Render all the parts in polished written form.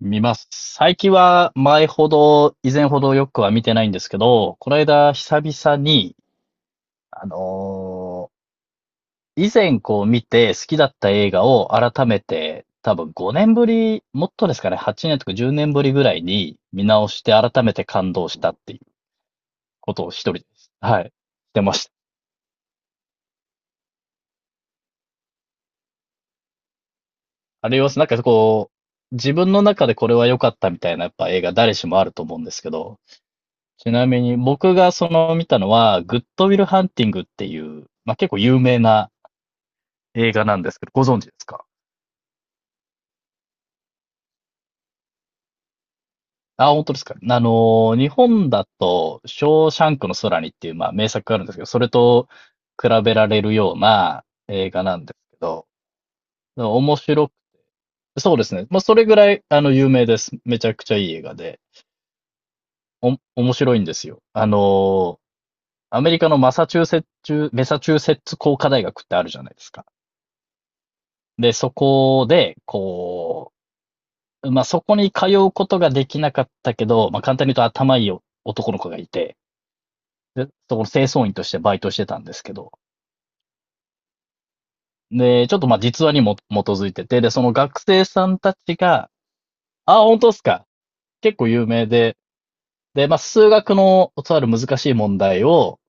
見ます。最近は前ほど、以前ほどよくは見てないんですけど、この間久々に、あのー以前見て好きだった映画を改めて、多分5年ぶり、もっとですかね、8年とか10年ぶりぐらいに見直して改めて感動したっていうことを一人です。はい。してました。あれはなんか自分の中でこれは良かったみたいなやっぱ映画誰しもあると思うんですけど、ちなみに僕がその見たのは、グッドウィルハンティングっていう、まあ、結構有名な映画なんですけど、ご存知ですか？あ、本当ですか。日本だと、ショーシャンクの空にっていう、まあ、名作があるんですけど、それと比べられるような映画なんですけど、面白く、そうですね。まあ、それぐらい、有名です。めちゃくちゃいい映画で、面白いんですよ。アメリカのマサチューセッツ、メサチューセッツ工科大学ってあるじゃないですか。で、そこで、まあ、そこに通うことができなかったけど、まあ、簡単に言うと頭いい男の子がいて、で、そこの清掃員としてバイトしてたんですけど、で、ちょっとまあ実話にも基づいてて、で、その学生さんたちが、あ、本当ですか？結構有名で、で、まあ数学のとある難しい問題を、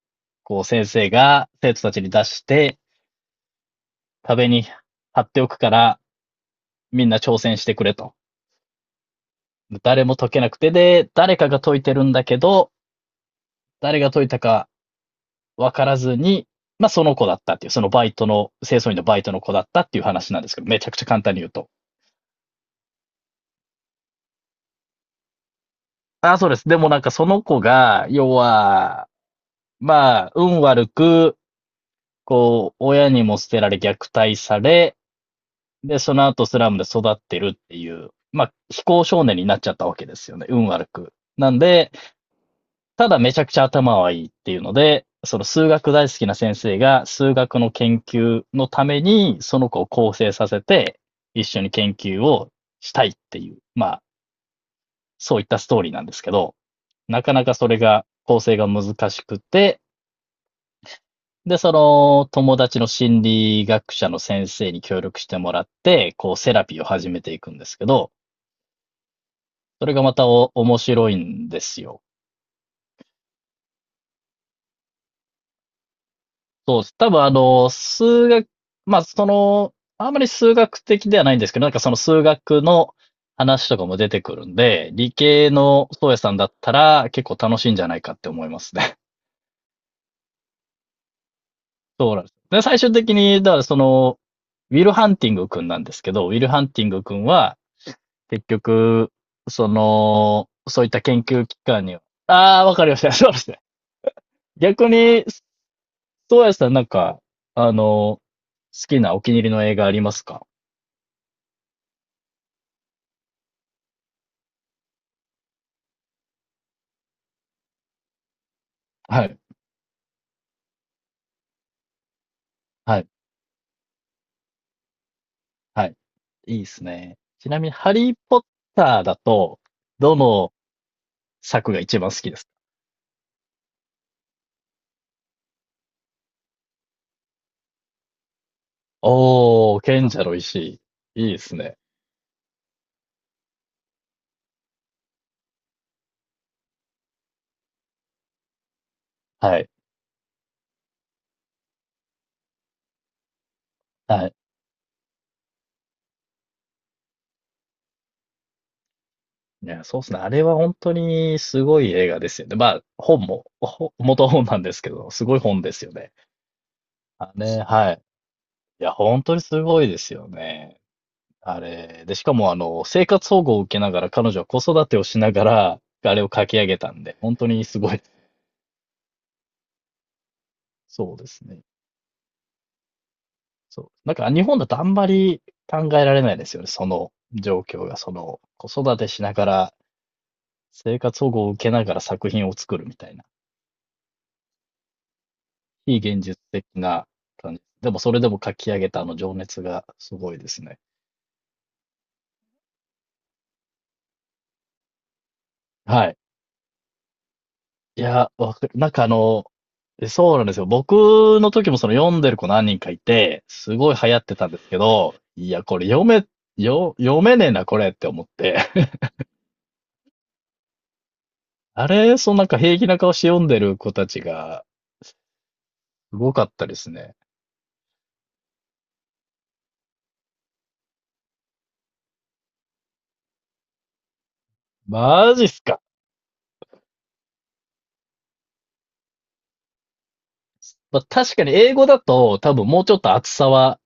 先生が生徒たちに出して、壁に貼っておくから、みんな挑戦してくれと。誰も解けなくて、で、誰かが解いてるんだけど、誰が解いたか分からずに、まあその子だったっていう、そのバイトの、清掃員のバイトの子だったっていう話なんですけど、めちゃくちゃ簡単に言うと。ああ、そうです。でもなんかその子が、要は、まあ、運悪く、親にも捨てられ虐待され、で、その後スラムで育ってるっていう、まあ、非行少年になっちゃったわけですよね。運悪く。なんで、ただめちゃくちゃ頭はいいっていうので、その数学大好きな先生が数学の研究のためにその子を構成させて一緒に研究をしたいっていう、まあそういったストーリーなんですけど、なかなかそれが構成が難しくて、で、その友達の心理学者の先生に協力してもらって、セラピーを始めていくんですけど、それがまた面白いんですよ。そうです。多分数学、まあその、あんまり数学的ではないんですけど、なんかその数学の話とかも出てくるんで、理系の宗谷さんだったら結構楽しいんじゃないかって思いますね。そうなんです。で、最終的に、だからその、ウィル・ハンティング君なんですけど、ウィル・ハンティング君は、結局、その、そういった研究機関には、ああ、わかりました。そうですね。逆に、宗谷さんなんか、好きなお気に入りの映画ありますか？はい。はい、はい。いいっすね。ちなみに、ハリーポッターだと、どの作が一番好きですか？おー、賢者の石。いいですね。はい、はい。いや、そうですね。あれは本当にすごい映画ですよね。まあ、本も、元本なんですけど、すごい本ですよね。あね、はい。いや、本当にすごいですよね。あれ。で、しかも、生活保護を受けながら、彼女は子育てをしながら、あれを書き上げたんで、本当にすごい。そうですね。そう。なんか日本だとあんまり考えられないですよね。その状況が、その子育てしながら生活保護を受けながら作品を作るみたいな。非現実的な感じ。でもそれでも書き上げたあの情熱がすごいですね。はい。いや、なんかそうなんですよ。僕の時もその読んでる子何人かいて、すごい流行ってたんですけど、いや、これ読め、よ、読めねえな、これって思って。あれ、そのなんか平気な顔して読んでる子たちが、すごかったですね。マジっすか。まあ、確かに英語だと多分もうちょっと厚さは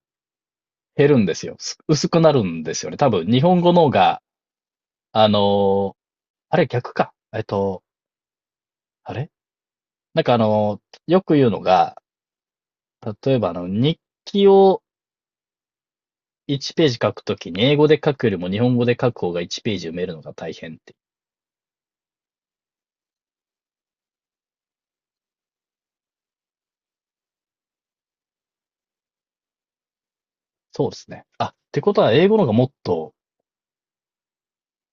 減るんですよ。薄くなるんですよね。多分日本語の方が、あのーあれ逆か。あれなんかあのーよく言うのが、例えば日記を1ページ書くときに英語で書くよりも日本語で書く方が1ページ埋めるのが大変って。そうですね。あ、ってことは英語の方がもっと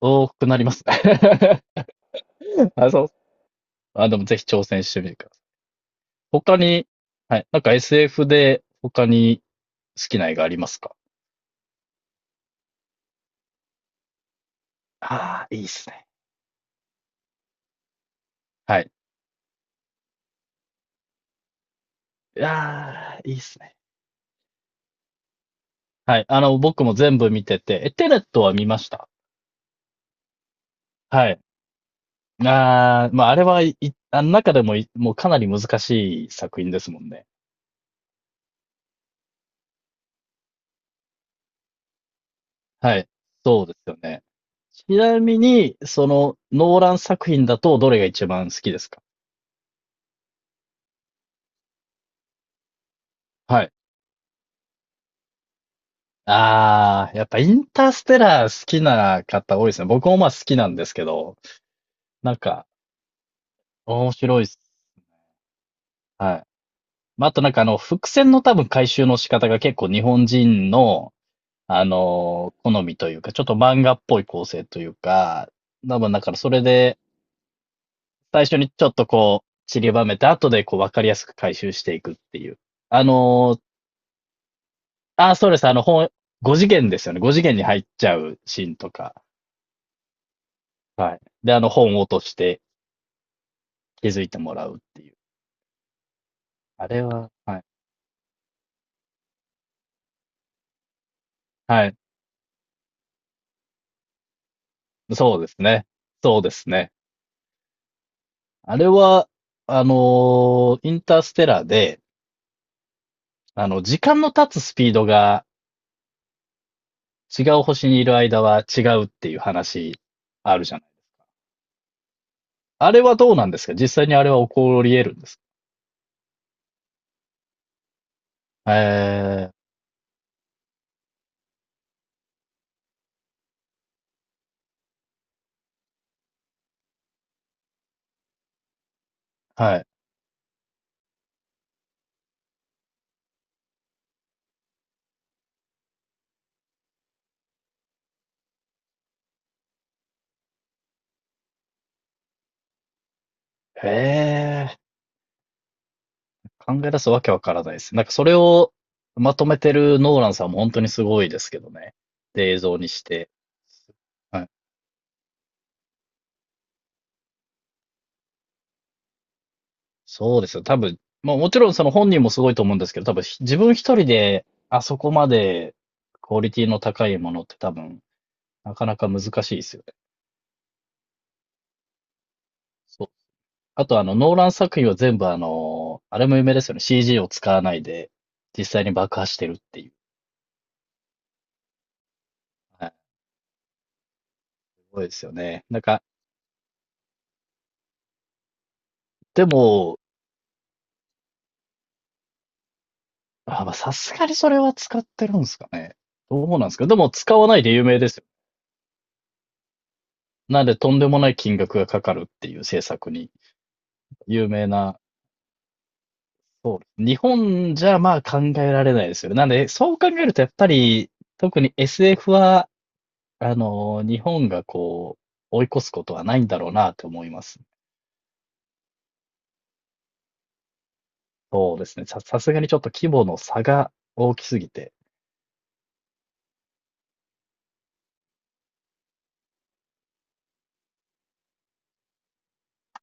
多くなりますね。あ、そう。あ、でもぜひ挑戦してみてください。他に、はい。なんか SF で他に好きな映画ありますか？ああ、いいっすね。はい。ああ、いいっすね。はい。僕も全部見てて、テネットは見ました。はい。ああ、まあ、はい、あの中でももうかなり難しい作品ですもんね。はい。そうですよね。ちなみに、その、ノーラン作品だとどれが一番好きですか？はい。ああ、やっぱインターステラー好きな方多いですね。僕もまあ好きなんですけど、なんか面白いっす。はい。まあ、あとなんか伏線の多分回収の仕方が結構日本人の、好みというか、ちょっと漫画っぽい構成というか、多分だからそれで、最初にちょっと散りばめて、後でわかりやすく回収していくっていう。あのーあー、そうです。5次元ですよね。5次元に入っちゃうシーンとか。はい。で、本を落として気づいてもらうっていう。あれは、はい。はい。そうですね。そうですね。あれは、インターステラーで、時間の経つスピードが違う星にいる間は違うっていう話あるじゃない。あれはどうなんですか？実際にあれは起こり得るんですか？はい。え考え出すわけわからないです。なんかそれをまとめてるノーランさんも本当にすごいですけどね。で、映像にして。はい、そうですよ。多分、まあもちろんその本人もすごいと思うんですけど、多分自分一人であそこまでクオリティの高いものって多分なかなか難しいですよね。そう。あとノーラン作品は全部あれも有名ですよね。CG を使わないで実際に爆破してるっていう。はい。すごいですよね。なんか、でも、あ、まあさすがにそれは使ってるんですかね。どうなんですか？でも使わないで有名ですよ。なんでとんでもない金額がかかるっていう制作に有名なそうです。日本じゃまあ考えられないですよね。なんで、そう考えるとやっぱり、特に SF は、日本が追い越すことはないんだろうなと思います。そうですね。さすがにちょっと規模の差が大きすぎて。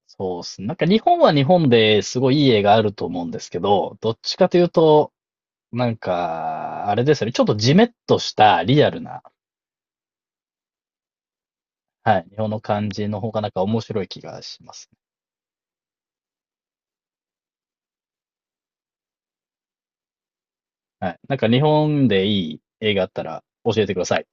そうですね。なんか日本は日本ですごいいい絵があると思うんですけど、どっちかというと、なんか、あれですよね。ちょっとジメッとしたリアルな、はい、日本の感じの方がなんか面白い気がします。はい。なんか日本でいい映画あったら教えてください。